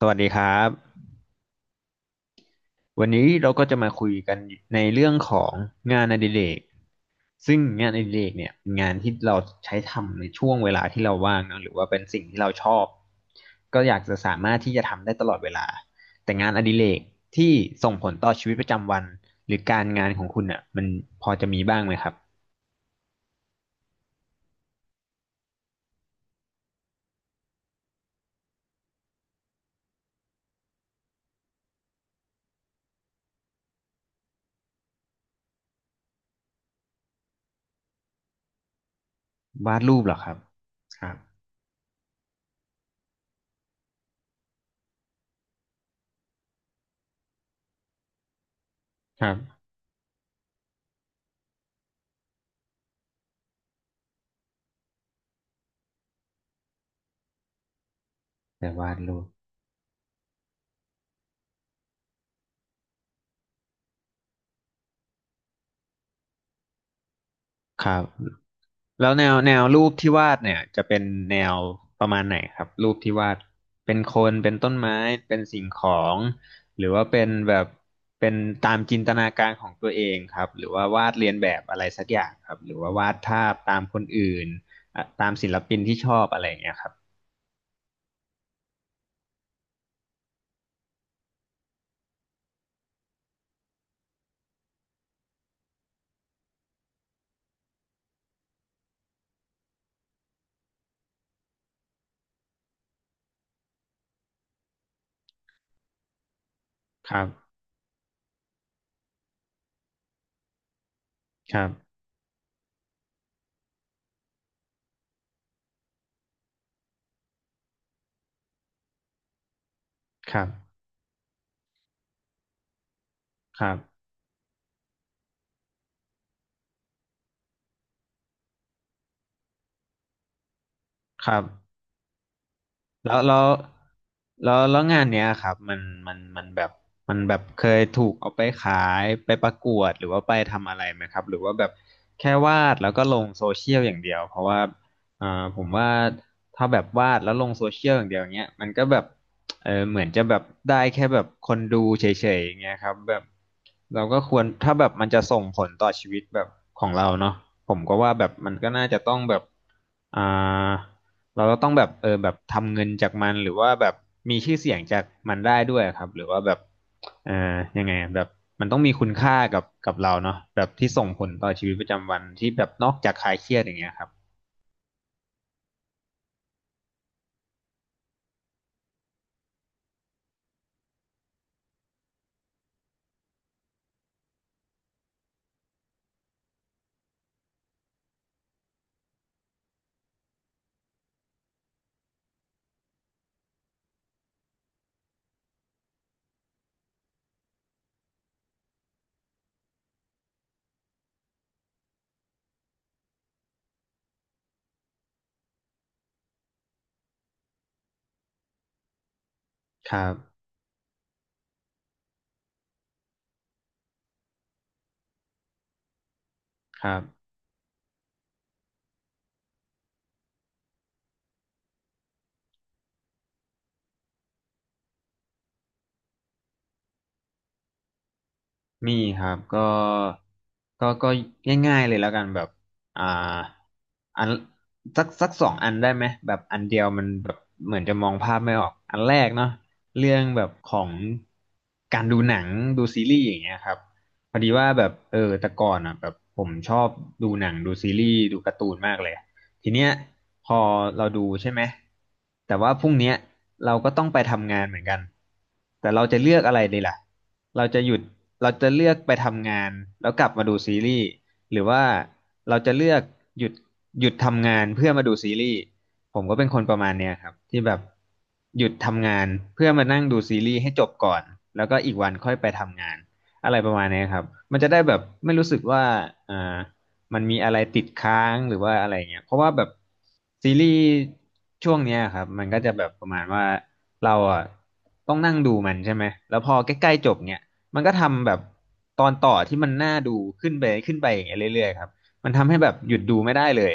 สวัสดีครับวันนี้เราก็จะมาคุยกันในเรื่องของงานอดิเรกซึ่งงานอดิเรกเนี่ยเป็นงานที่เราใช้ทำในช่วงเวลาที่เราว่างเนอะหรือว่าเป็นสิ่งที่เราชอบก็อยากจะสามารถที่จะทำได้ตลอดเวลาแต่งานอดิเรกที่ส่งผลต่อชีวิตประจำวันหรือการงานของคุณอ่ะมันพอจะมีบ้างไหมครับวาดรูปเหรอครับครับครับแต่วาดรูปครับ แล้วแนวรูปที่วาดเนี่ยจะเป็นแนวประมาณไหนครับรูปที่วาดเป็นคนเป็นต้นไม้เป็นสิ่งของหรือว่าเป็นแบบเป็นตามจินตนาการของตัวเองครับหรือว่าวาดเรียนแบบอะไรสักอย่างครับหรือว่าวาดภาพตามคนอื่นอ่ะตามศิลปินที่ชอบอะไรอย่างเงี้ยครับครับครับครับครับครับ แล้วแล้วแล้วงานเนี้ยครับมันแบบมันแบบเคยถูกเอาไปขายไปประกวดหรือว่าไปทำอะไรไหมครับหรือว่าแบบแค่วาดแล้วก็ลงโซเชียลอย่างเดียวเพราะว่าผมว่าถ้าแบบวาดแล้วลงโซเชียลอย่างเดียวเนี้ยมันก็แบบเออเหมือนจะแบบได้แค่แบบคนดูเฉยๆอย่างเงี้ยครับแบบเราก็ควรถ้าแบบมันจะส่งผลต่อชีวิตแบบของเราเนาะผมก็ว่าแบบมันก็น่าจะต้องแบบอ่า เราก็ต้องแบบเออแบบทำเงินจากมันหรือว่าแบบมีชื่อเสียงจากมันได้ด้วยครับหรือว่าแบบเออยังไงอะแบบมันต้องมีคุณค่ากับเราเนาะแบบที่ส่งผลต่อชีวิตประจำวันที่แบบนอกจากคลายเครียดอย่างเงี้ยครับครับครับ มีครับก็ง่ายๆเลยแล้วกันแบบอ่าอันสักสองอันได้ไหมแบบอันเดียวมันแบบเหมือนจะมองภาพไม่ออกอันแรกเนาะเรื่องแบบของการดูหนังดูซีรีส์อย่างเงี้ยครับพอดีว่าแบบเออแต่ก่อนอ่ะแบบผมชอบดูหนังดูซีรีส์ดูการ์ตูนมากเลยทีเนี้ยพอเราดูใช่ไหมแต่ว่าพรุ่งเนี้ยเราก็ต้องไปทำงานเหมือนกันแต่เราจะเลือกอะไรดีล่ะ เราจะหยุดเราจะเลือกไปทำงานแล้วกลับมาดูซีรีส์หรือว่าเราจะเลือกหยุดหยุดทำงานเพื่อมาดูซีรีส์ผมก็เป็นคนประมาณเนี้ยครับที่แบบหยุดทำงานเพื่อมานั่งดูซีรีส์ให้จบก่อนแล้วก็อีกวันค่อยไปทำงานอะไรประมาณเนี้ยครับมันจะได้แบบไม่รู้สึกว่าอ่ามันมีอะไรติดค้างหรือว่าอะไรเงี้ยเพราะว่าแบบซีรีส์ช่วงเนี้ยครับมันก็จะแบบประมาณว่าเราอ่ะต้องนั่งดูมันใช่ไหมแล้วพอใกล้ๆจบเนี่ย มันก็ทำแบบตอนต่อที่มันน่าดูขึ้นไปขึ้นไปอย่างเงี้ยเรื่อยๆครับ มันทำให้แบบหยุดดูไม่ได้เลย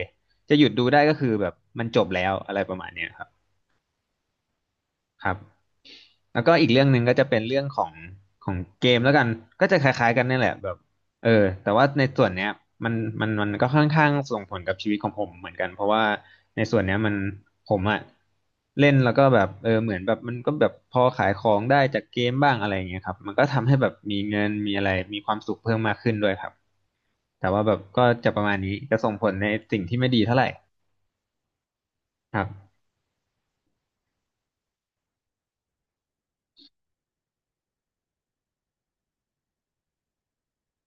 จะหยุดดูได้ก็คือแบบมันจบแล้วอะไรประมาณเนี้ยครับครับ แล้วก็อีกเรื่องหนึ่งก็จะเป็นเรื่องของเกมแล้วกันก็จะคล้ายๆกันนี่แหละแบบเออแต่ว่าในส่วนเนี้ยมันมันก็ค่อนข้างส่งผลกับชีวิตของผมเหมือนกันเพราะว่าในส่วนเนี้ยมันผมอะเล่นแล้วก็แบบเออเหมือนแบบมันก็แบบพอขายของได้จากเกมบ้างอะไรอย่างเงี้ยครับมันก็ทำให้แบบมีเงินมีอะไรมีความสุขเพิ่มมากขึ้นด้วยครับแต่ว่าแบบก็จะประมาณนี้จะส่งผลในสิ่งที่ไม่ดีเท่าไหร่ครับ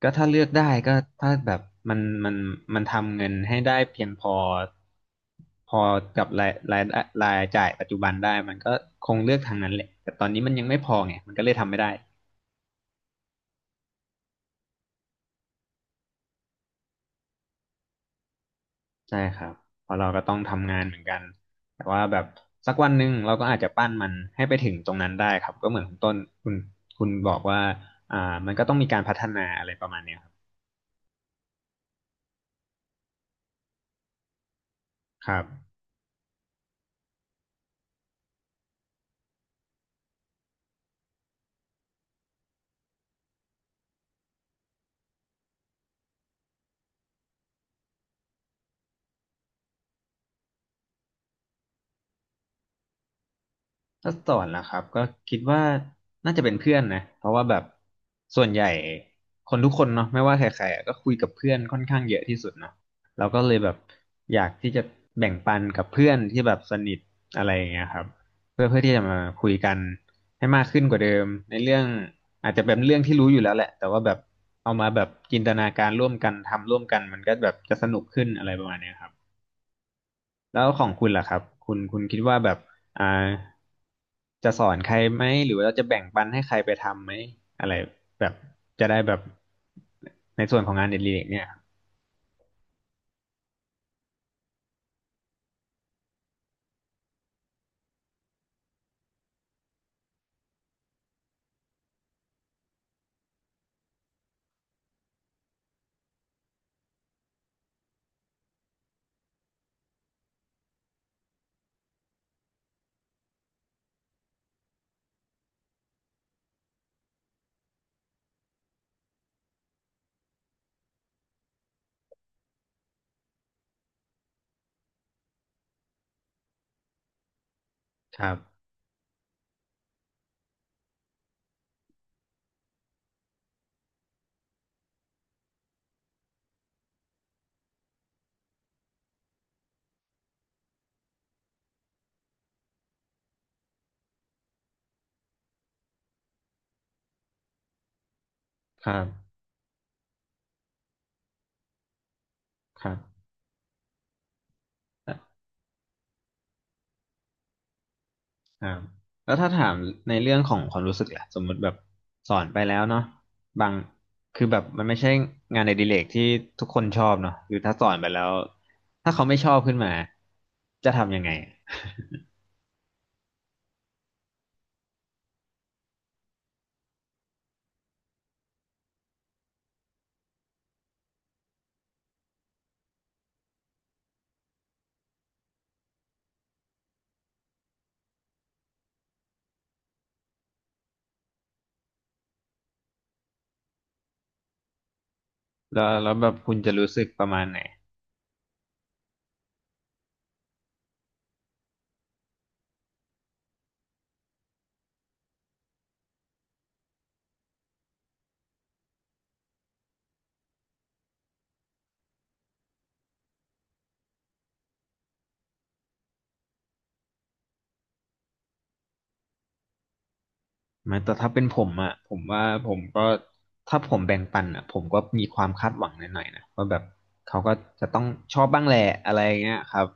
ก็ถ้าเลือกได้ก็ถ้าแบบมันมันมันทำเงินให้ได้เพียงพอกับรายจ่ายปัจจุบันได้มันก็คงเลือกทางนั้นแหละแต่ตอนนี้มันยังไม่พอไงมันก็เลยทำไม่ได้ใช่ครับเพราะเราก็ต้องทำงานเหมือนกันแต่ว่าแบบสักวันหนึ่งเราก็อาจจะปั้นมันให้ไปถึงตรงนั้นได้ครับก็เหมือนคุณต้นคุณคุณบอกว่าอ่ามันก็ต้องมีการพัฒนาอะไรประมาณเนี้ยครับครับ ถ้าสอนนะครับก็คิดว่าน่าจะเป็นเพื่อนนะเพราะว่าแบบส่วนใหญ่คนทุกคนเนาะไม่ว่าใครๆอะก็คุยกับเพื่อนค่อนข้างเยอะที่สุดเนาะเราก็เลยแบบอยากที่จะแบ่งปันกับเพื่อนที่แบบสนิทอะไรอย่างเงี้ยครับเพื่อที่จะมาคุยกันให้มากขึ้นกว่าเดิมในเรื่องอาจจะเป็นเรื่องที่รู้อยู่แล้วแหละแต่ว่าแบบเอามาแบบจินตนาการร่วมกันทำร่วมกันมันก็แบบจะสนุกขึ้นอะไรประมาณเนี้ยครับ แล้วของคุณล่ะครับคุณคิดว่าแบบอ่าจะสอนใครไหมหรือว่าเราจะแบ่งปันให้ใครไปทำไหมอะไรแบบจะได้แบบในส่วนของงานเด็ดเล็กเนี่ยครับครับครับครับครับแล้วถามในเรื่องของความรู้สึกล่ะสมมุติแบบสอนไปแล้วเนาะบางคือแบบมันไม่ใช่งานอดิเรกที่ทุกคนชอบเนาะคือถ้าสอนไปแล้วถ้าเขาไม่ชอบขึ้นมาจะทำยังไงแล้วแบบคุณจะรู้สึกประมาณไหน ไม่แต่ถ้าเป็นผมอ่ะผมว่าผมก็ถ้าผมแบ่งปันอ่ะผมก็มีความคาดหวังหน่อยๆนะว่าแบบเขาก็จะต้องชอบบ้างแหละอะไรเงี้ยครับ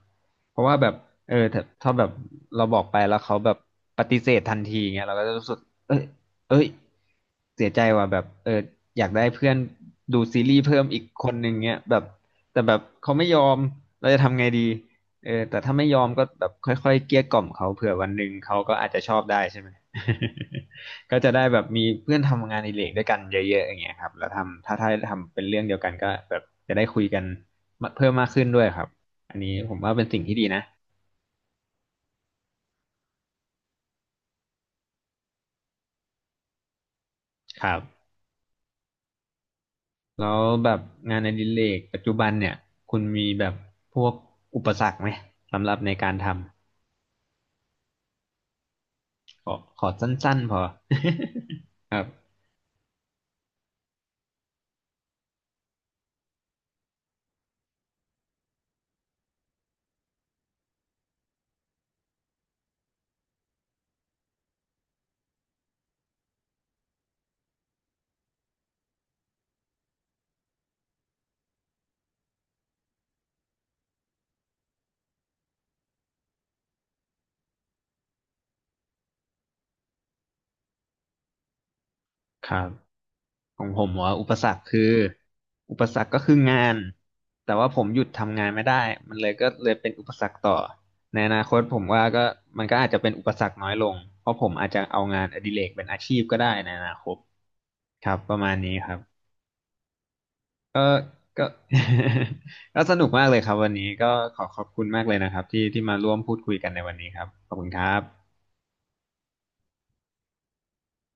เพราะว่าแบบเออถ้าแบบเราบอกไปแล้วเขาแบบปฏิเสธทันทีเงี้ยเราก็จะรู้สึกเอ้ยเอ้ยเสียใจว่ะแบบเอออยากได้เพื่อนดูซีรีส์เพิ่มอีกคนหนึ่งเงี้ยแบบแต่แบบเขาไม่ยอมเราจะทำไงดีเออแต่ถ้าไม่ยอมก็แบบค่อยๆเกลี้ยกล่อมเขาเผื่อวันหนึ่งเขาก็อาจจะชอบได้ใช่ไหม ก็จะได้แบบมีเพื่อนทำงานอดิเรกด้วยกันเยอะๆอย่างเงี้ยครับแล้วทำถ้าทำเป็นเรื่องเดียวกันก็แบบจะได้คุยกันมาเพิ่มมากขึ้นด้วยครับอันนี้ผมว่าเป็นสิ่งที่ดีนะครับแล้วแบบงานอดิเรกปัจจุบันเนี่ยคุณมีแบบพวกอุปสรรคไหมสำหรับในการทำขอขอสั้นๆพอ ครับ ครับของผมว่าอุปสรรคคืออุปสรรคก็คืองานแต่ว่าผมหยุดทำงานไม่ได้มันเลยก็เลยเป็นอุปสรรคต่อในอนาคตผมว่าก็มันก็อาจจะเป็นอุปสรรคน้อยลงเพราะผมอาจจะเอางานอดิเรกเป็นอาชีพก็ได้ในอนาคตครับประมาณนี้ครับก็ก็ ก็สนุกมากเลยครับวันนี้ก็ขอบคุณมากเลยนะครับที่มาร่วมพูดคุยกันในวันนี้ครับขอบคุณครับ